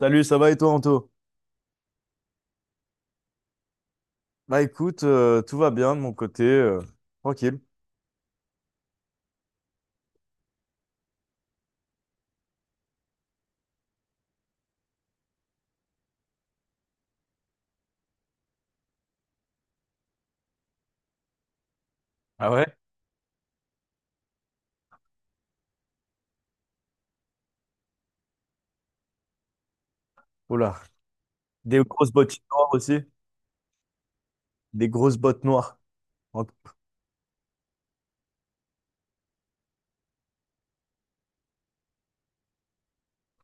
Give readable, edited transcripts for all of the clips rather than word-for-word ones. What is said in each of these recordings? Salut, ça va et toi, Anto? Bah écoute, tout va bien de mon côté, tranquille. Ah ouais? Oula, des grosses bottes noires aussi, des grosses bottes noires. En-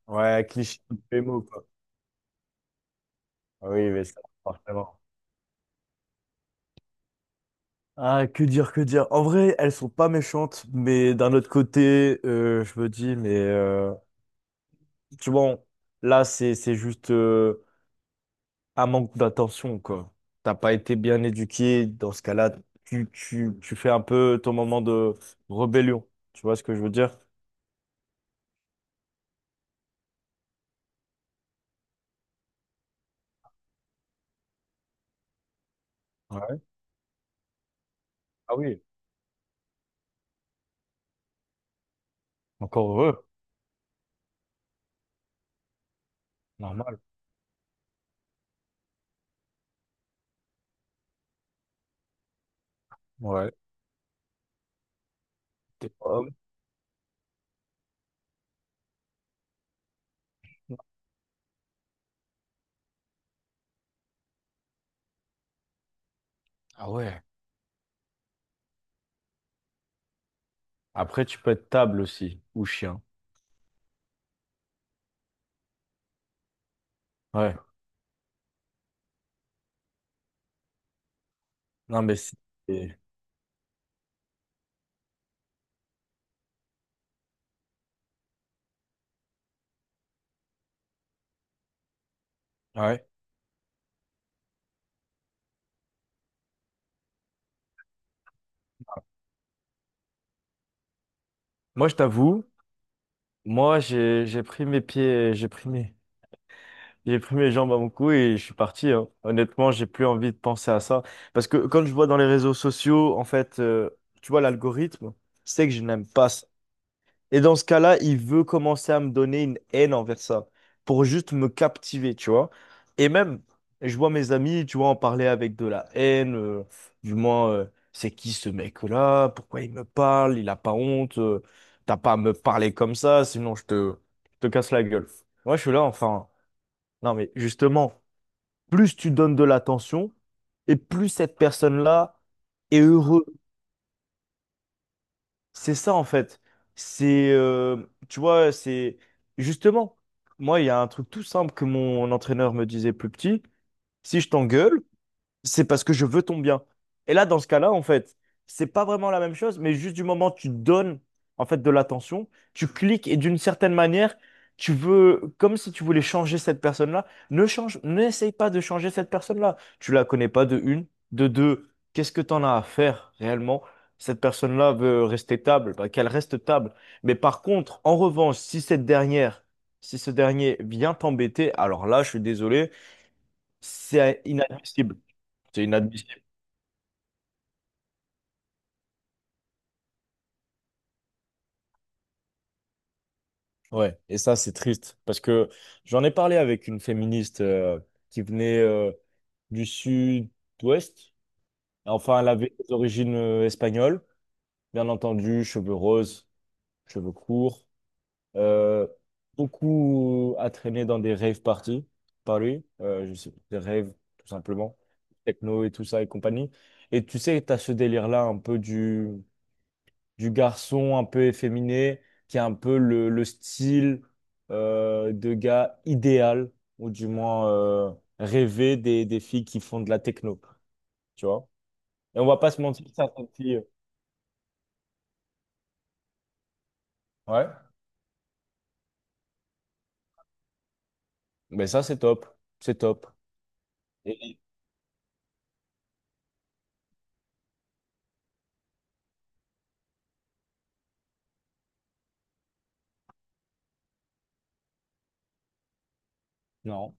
Ouais, cliché de Pémo, quoi. Ah oui, mais ça, forcément. Ah, que dire, que dire. En vrai, elles sont pas méchantes, mais d'un autre côté, je me dis, mais tu vois, là, c'est juste, un manque d'attention, quoi. T'as pas été bien éduqué, dans ce cas-là, tu fais un peu ton moment de rébellion. Tu vois ce que je veux dire? Ouais. Ah oui. Encore heureux, normal. Ouais. Pas homme. Ah ouais. Après, tu peux être table aussi, ou chien. Ouais. Non, mais c'est... Ouais. Moi, je t'avoue, moi, j'ai pris mes pieds, j'ai pris mes... J'ai pris mes jambes à mon cou et je suis parti, hein. Honnêtement, j'ai plus envie de penser à ça. Parce que quand je vois dans les réseaux sociaux, en fait, tu vois, l'algorithme, c'est que je n'aime pas ça. Et dans ce cas-là, il veut commencer à me donner une haine envers ça pour juste me captiver, tu vois. Et même, je vois mes amis, tu vois, en parler avec de la haine, du moins, c'est qui ce mec-là? Pourquoi il me parle? Il a pas honte? T'as pas à me parler comme ça, sinon je te casse la gueule. Moi, je suis là, enfin. Non, mais justement plus tu donnes de l'attention et plus cette personne-là est heureux. C'est ça en fait. C'est, euh, Tu vois, c'est justement, moi, il y a un truc tout simple que mon entraîneur me disait plus petit. Si je t'engueule, c'est parce que je veux ton bien. Et là, dans ce cas-là, en fait, c'est pas vraiment la même chose, mais juste du moment où tu donnes, en fait, de l'attention, tu cliques et d'une certaine manière, tu veux, comme si tu voulais changer cette personne-là, ne change, n'essaye pas de changer cette personne-là. Tu la connais pas de une, de deux. Qu'est-ce que t'en as à faire réellement? Cette personne-là veut rester table, bah, qu'elle reste table. Mais par contre, en revanche, si cette dernière, si ce dernier vient t'embêter, alors là, je suis désolé, c'est inadmissible. C'est inadmissible. Ouais, et ça, c'est triste parce que j'en ai parlé avec une féministe qui venait du sud-ouest. Enfin, elle avait des origines espagnoles, bien entendu, cheveux roses, cheveux courts, euh, beaucoup à traîner dans des rave parties, par lui, je sais, des raves, tout simplement, techno et tout ça et compagnie. Et tu sais, tu as ce délire-là un peu du garçon un peu efféminé, qui a un peu le style de gars idéal, ou du moins rêvé des filles qui font de la techno, tu vois. Et on va pas se mentir, certaines filles. Ouais. Mais ça, c'est top. C'est top. Et, et- non,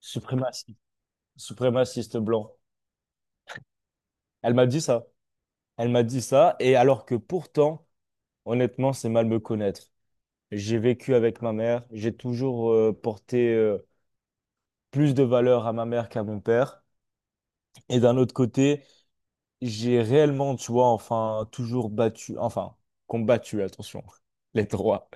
suprémaciste. Suprémaciste blanc. Elle m'a dit ça. Elle m'a dit ça, et alors que pourtant, honnêtement, c'est mal me connaître. J'ai vécu avec ma mère, j'ai toujours porté plus de valeur à ma mère qu'à mon père. Et d'un autre côté, j'ai réellement, tu vois, enfin, toujours battu, enfin, combattu, attention, les droits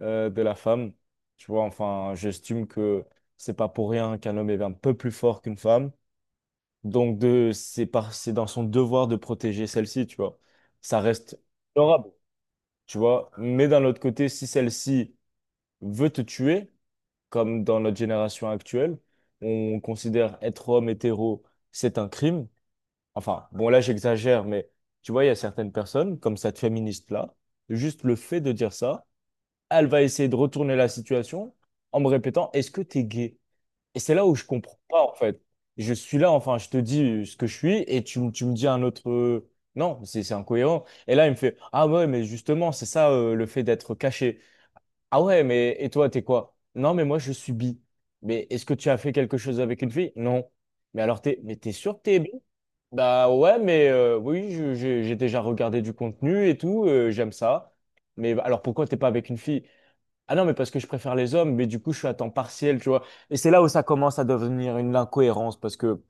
de la femme. Tu vois, enfin, j'estime que c'est pas pour rien qu'un homme est un peu plus fort qu'une femme. Donc, c'est par, c'est dans son devoir de protéger celle-ci, tu vois. Ça reste honorable, tu vois. Mais d'un autre côté, si celle-ci veut te tuer, comme dans notre génération actuelle, on considère être homme hétéro, c'est un crime. Enfin, bon, là, j'exagère, mais tu vois, il y a certaines personnes, comme cette féministe-là, juste le fait de dire ça, elle va essayer de retourner la situation en me répétant, est-ce que t'es gay? Et c'est là où je comprends pas, en fait. Je suis là, enfin, je te dis ce que je suis, et tu me dis un autre... Non, c'est incohérent. Et là, il me fait, ah ouais, mais justement, c'est ça, le fait d'être caché. Ah ouais, mais et toi, t'es quoi? Non, mais moi, je suis bi. Mais est-ce que tu as fait quelque chose avec une fille? Non. Mais alors, mais t'es sûr que t'es bi? Bah ouais, mais oui, j'ai déjà regardé du contenu et tout, j'aime ça. Mais bah, alors pourquoi t'es pas avec une fille? Ah non, mais parce que je préfère les hommes, mais du coup je suis à temps partiel, tu vois. Et c'est là où ça commence à devenir une incohérence, parce que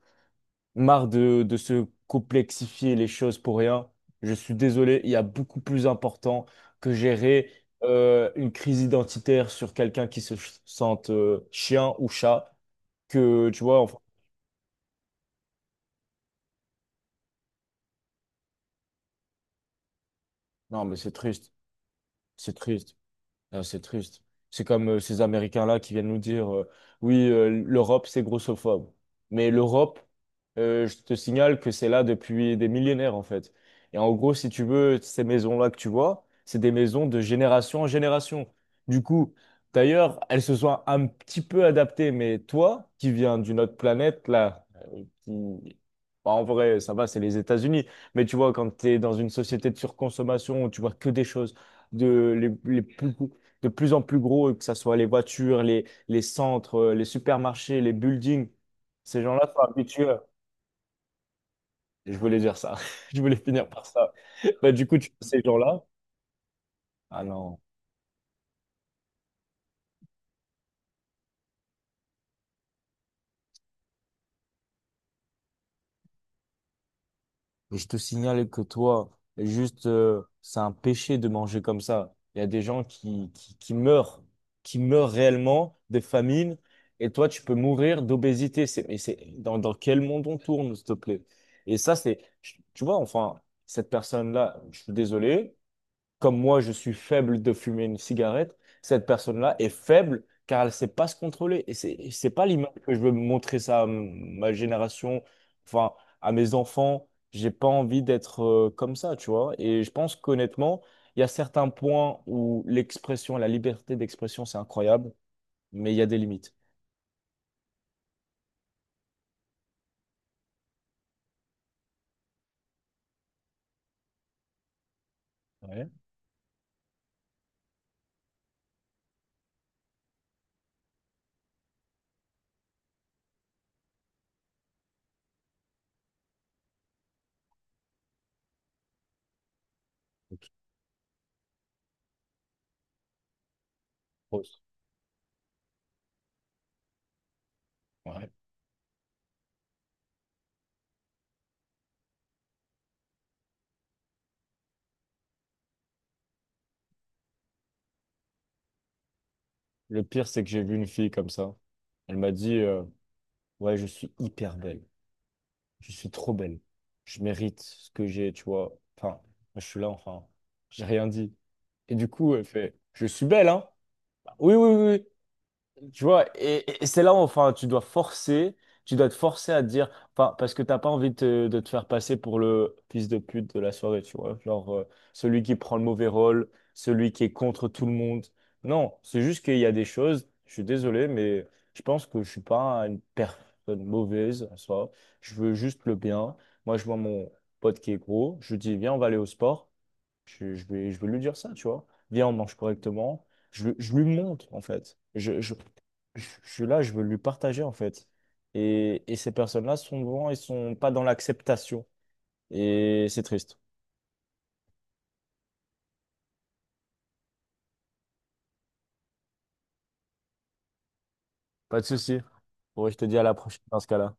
marre de se complexifier les choses pour rien. Je suis désolé, il y a beaucoup plus important que gérer une crise identitaire sur quelqu'un qui sente chien ou chat que, tu vois, enfin, non, mais c'est triste, c'est triste. Ah, c'est triste. C'est comme ces Américains-là qui viennent nous dire oui, l'Europe, c'est grossophobe. Mais l'Europe, je te signale que c'est là depuis des millénaires, en fait. Et en gros, si tu veux, ces maisons-là que tu vois, c'est des maisons de génération en génération. Du coup, d'ailleurs, elles se sont un petit peu adaptées. Mais toi, qui viens d'une autre planète, là, qui... bah, en vrai, ça va, c'est les États-Unis. Mais tu vois, quand tu es dans une société de surconsommation où tu vois que des choses les plus de plus en plus gros, que ce soit les voitures, les centres, les supermarchés, les buildings. Ces gens-là sont habitués. Je voulais dire ça. Je voulais finir par ça. Bah, du coup, tu vois ces gens-là. Ah non. Je te signale que toi, juste, c'est un péché de manger comme ça. Il y a des gens qui meurent réellement de famine. Et toi, tu peux mourir d'obésité. C'est, dans quel monde on tourne, s'il te plaît? Et ça, c'est, Tu vois, enfin, cette personne-là, je suis désolé. Comme moi, je suis faible de fumer une cigarette, cette personne-là est faible car elle ne sait pas se contrôler. Et c'est pas l'image que je veux montrer ça à ma génération, enfin, à mes enfants. J'ai pas envie d'être comme ça, tu vois. Et je pense qu'honnêtement, il y a certains points où la liberté d'expression, c'est incroyable, mais il y a des limites. Ouais. Et qui posent. Ouais. Le pire, c'est que j'ai vu une fille comme ça. Elle m'a dit, ouais, je suis hyper belle. Je suis trop belle. Je mérite ce que j'ai, tu vois. Enfin, moi, je suis là, enfin, j'ai rien dit. Et du coup, elle fait, je suis belle, hein? Bah, oui, oui, oui. Oui. Tu vois, et c'est là où enfin, tu dois forcer, tu dois te forcer à te dire, enfin, parce que t'as pas envie de de te faire passer pour le fils de pute de la soirée, tu vois, genre celui qui prend le mauvais rôle, celui qui est contre tout le monde. Non, c'est juste qu'il y a des choses, je suis désolé, mais je pense que je suis pas une personne mauvaise en soi, je veux juste le bien. Moi, je vois mon pote qui est gros, je lui dis, viens, on va aller au sport. Je vais lui dire ça, tu vois. Viens, on mange correctement. Je lui montre, en fait. Je suis là, je veux lui partager, en fait. Et ces personnes-là, souvent, ils sont pas dans l'acceptation. Et c'est triste. Pas de souci. Bon, je te dis à la prochaine dans ce cas-là.